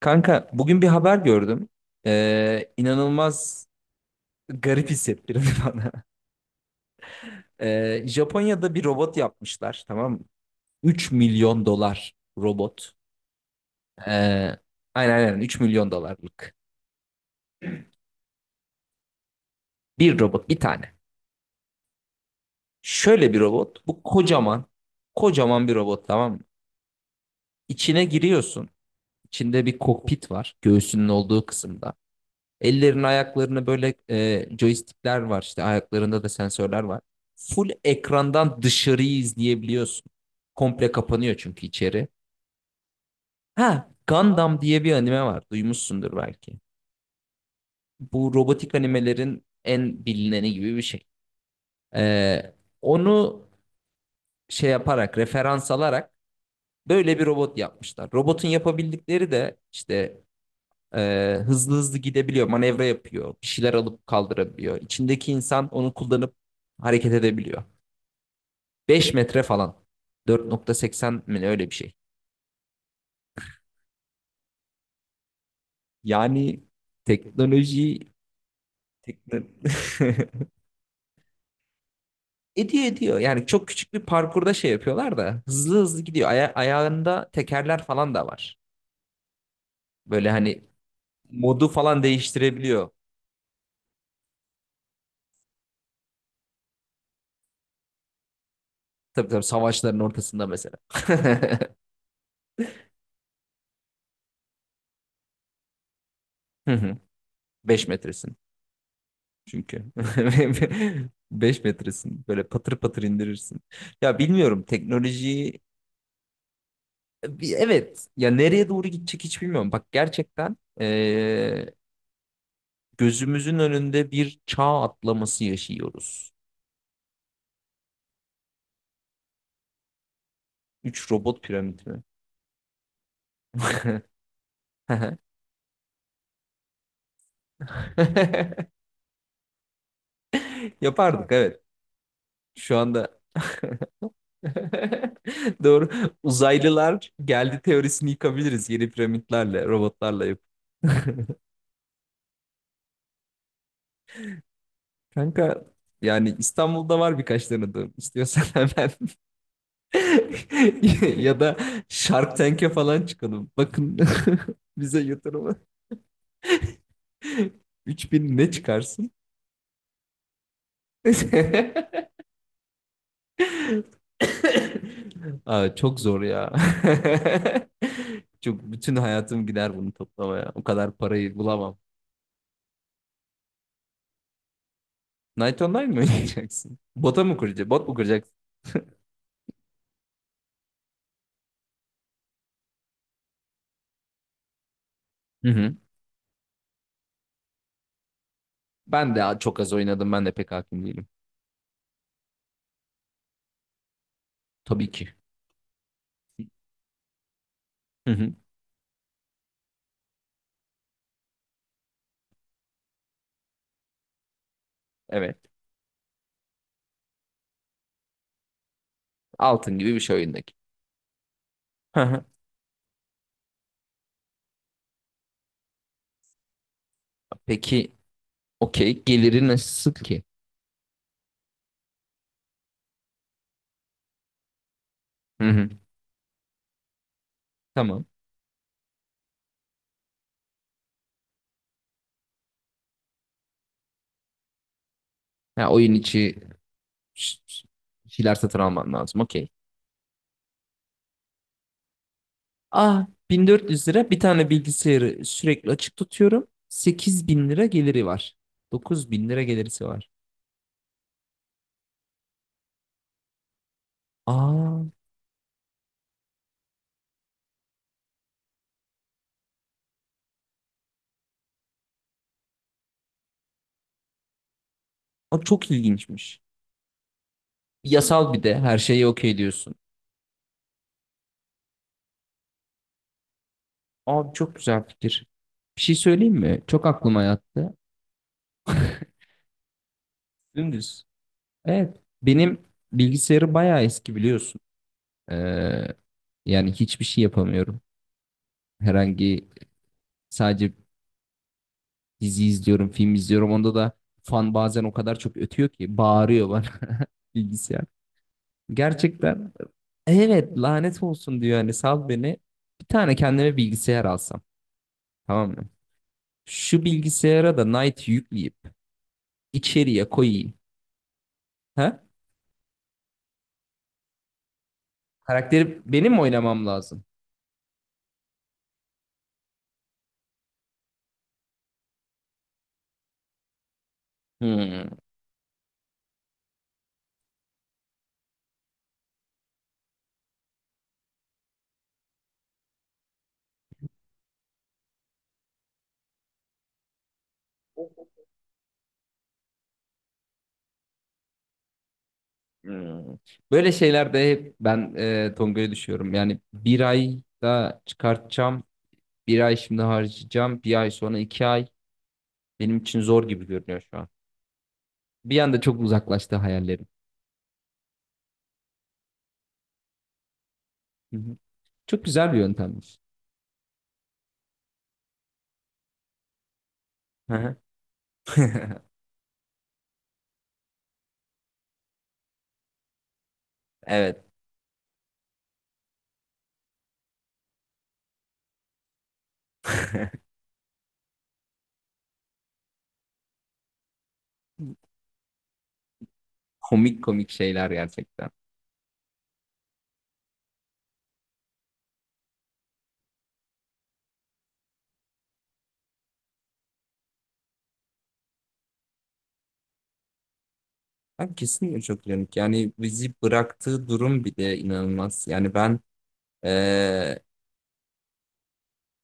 Kanka bugün bir haber gördüm. İnanılmaz garip hissettirdi bana. Japonya'da bir robot yapmışlar, tamam mı? 3 milyon dolar robot. Ee, aynen 3 milyon dolarlık. Bir robot, bir tane. Şöyle bir robot. Bu kocaman. Kocaman bir robot, tamam mı? İçine giriyorsun. İçinde bir kokpit var. Göğsünün olduğu kısımda. Ellerini ayaklarını böyle joystickler var, işte ayaklarında da sensörler var. Full ekrandan dışarıyı izleyebiliyorsun. Komple kapanıyor çünkü içeri. Ha, Gundam diye bir anime var. Duymuşsundur belki. Bu robotik animelerin en bilineni gibi bir şey. Ee, onu şey yaparak, referans alarak böyle bir robot yapmışlar. Robotun yapabildikleri de işte, hızlı hızlı gidebiliyor, manevra yapıyor, bir şeyler alıp kaldırabiliyor. İçindeki insan onu kullanıp hareket edebiliyor. 5 metre falan. 4.80 mi, öyle bir şey. Yani teknoloji, tekno- ediyor. Yani çok küçük bir parkurda şey yapıyorlar da hızlı hızlı gidiyor. Ayağında tekerler falan da var. Böyle hani modu falan değiştirebiliyor. Tabii tabii, savaşların ortasında mesela. Beş metresin. Çünkü. Beş metresin, böyle patır patır indirirsin. Ya bilmiyorum teknolojiyi evet ya, nereye doğru gidecek hiç bilmiyorum. Bak gerçekten, gözümüzün önünde bir çağ atlaması yaşıyoruz. Üç robot piramidi mi? Yapardık, evet. Şu anda doğru, uzaylılar geldi teorisini yıkabiliriz yeni piramitlerle, robotlarla yapıp. Kanka, yani İstanbul'da var birkaç tanıdığım. İstiyorsan hemen ya da Shark Tank'e falan çıkalım. Bakın bize yatırımı 3000 ne çıkarsın? Aa, çok zor ya. Çok, bütün hayatım gider bunu toplamaya. O kadar parayı bulamam. Night Online mi oynayacaksın? Bota mı kuracaksın? Bot mu kuracaksın? Hı hı. Ben de çok az oynadım. Ben de pek hakim değilim. Tabii ki. Hı hı. Evet. Altın gibi bir şey oyundaki. Peki okey geliri nasıl ki? Hı hı. Tamam. Ha, oyun içi ş- ş- şeyler satın alman lazım. Okey. Ah, 1400 lira, bir tane bilgisayarı sürekli açık tutuyorum. 8000 lira geliri var. 9000 lira gelirisi var. Aa, o çok ilginçmiş. Yasal bir de her şeyi, okey diyorsun. Abi çok güzel fikir. Bir şey söyleyeyim mi? Çok aklıma yattı. Dümdüz. Evet. Benim bilgisayarı bayağı eski biliyorsun. Ee, yani hiçbir şey yapamıyorum. Herhangi, sadece dizi izliyorum, film izliyorum. Onda da fan bazen o kadar çok ötüyor ki, bağırıyor bana bilgisayar. Gerçekten, evet, lanet olsun diyor, hani sal beni. Bir tane kendime bilgisayar alsam, tamam mı? Şu bilgisayara da Knight yükleyip içeriye koyayım. Ha? Karakteri benim mi oynamam lazım? Hmm, hmm. Böyle şeylerde hep ben Tonga'ya düşüyorum. Yani bir ayda çıkartacağım, bir ay şimdi harcayacağım, bir ay sonra iki ay. Benim için zor gibi görünüyor şu an. Bir anda çok uzaklaştı hayallerim. Hı hı. Çok güzel bir yöntemmiş. Hı hı. Evet. Komik komik şeyler gerçekten. Ben kesinlikle çok uyanık. Yani bizi bıraktığı durum bir de inanılmaz. Yani ben, eee,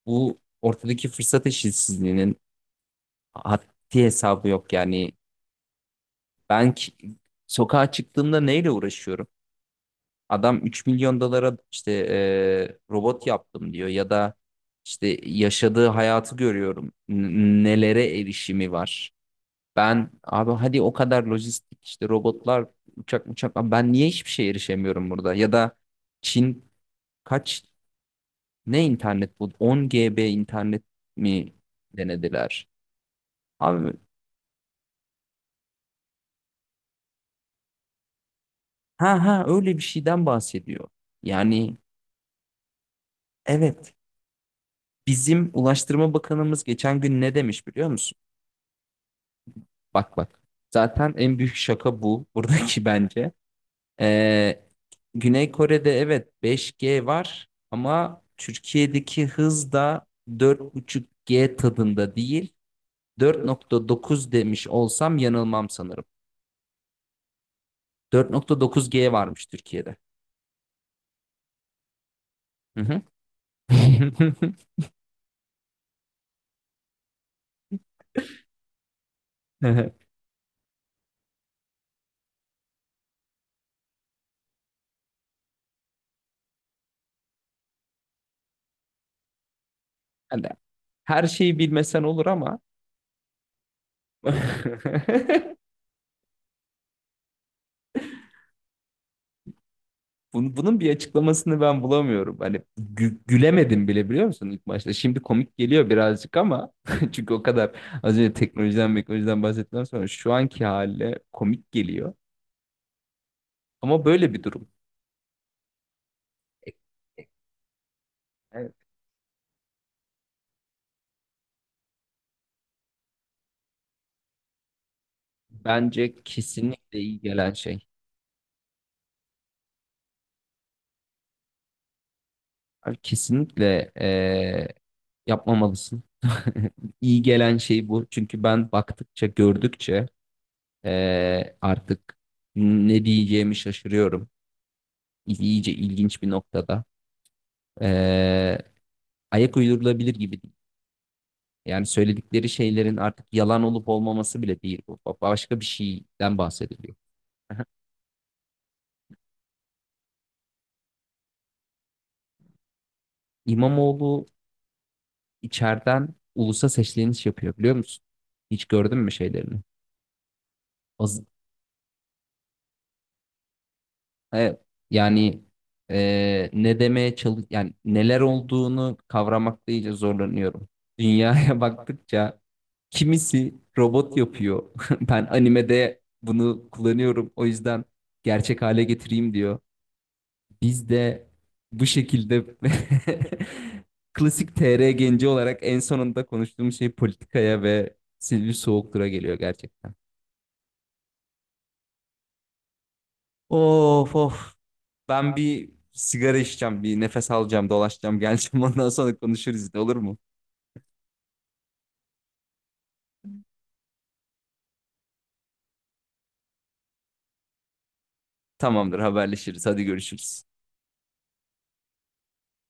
bu ortadaki fırsat eşitsizliğinin haddi hesabı yok. Yani ben ki- sokağa çıktığımda neyle uğraşıyorum? Adam 3 milyon dolara işte, robot yaptım diyor, ya da işte yaşadığı hayatı görüyorum. Nelere erişimi var. Ben abi hadi, o kadar lojistik işte, robotlar, uçak uçak, ben niye hiçbir şeye erişemiyorum burada? Ya da Çin, kaç ne internet bu? 10 GB internet mi denediler? Abi, ha ha, öyle bir şeyden bahsediyor. Yani evet, bizim Ulaştırma Bakanımız geçen gün ne demiş biliyor musun? Bak bak. Zaten en büyük şaka bu buradaki, bence. Ee, Güney Kore'de evet 5G var ama Türkiye'deki hız da 4.5G tadında değil. 4.9 demiş olsam yanılmam sanırım. 4.9G varmış Türkiye'de. Hı hı. Hani her şeyi bilmesen olur ama bunun bir açıklamasını ben bulamıyorum. Hani gülemedim bile biliyor musun ilk başta. Şimdi komik geliyor birazcık ama çünkü o kadar az önce teknolojiden bahsettikten sonra şu anki haliyle komik geliyor. Ama böyle bir durum. Evet. Bence kesinlikle iyi gelen şey. Abi kesinlikle, yapmamalısın. İyi gelen şey bu. Çünkü ben baktıkça, gördükçe, artık ne diyeceğimi şaşırıyorum. İyice ilginç bir noktada. Ee, ayak uydurulabilir gibi değil. Yani söyledikleri şeylerin artık yalan olup olmaması bile değil bu. Başka bir şeyden bahsediliyor. İmamoğlu içeriden ulusa sesleniş yapıyor, biliyor musun? Hiç gördün mü şeylerini? Az- Evet. Yani ne demeye çalış, yani neler olduğunu kavramakta iyice zorlanıyorum. Dünyaya baktıkça kimisi robot yapıyor. Ben animede bunu kullanıyorum, o yüzden gerçek hale getireyim diyor. Biz de bu şekilde klasik TR genci olarak en sonunda konuştuğum şey politikaya ve Silivri Soğuktur'a geliyor gerçekten. Of of. Ben bir sigara içeceğim, bir nefes alacağım, dolaşacağım, geleceğim. Ondan sonra konuşuruz, ne olur mu? Tamamdır, haberleşiriz. Hadi görüşürüz.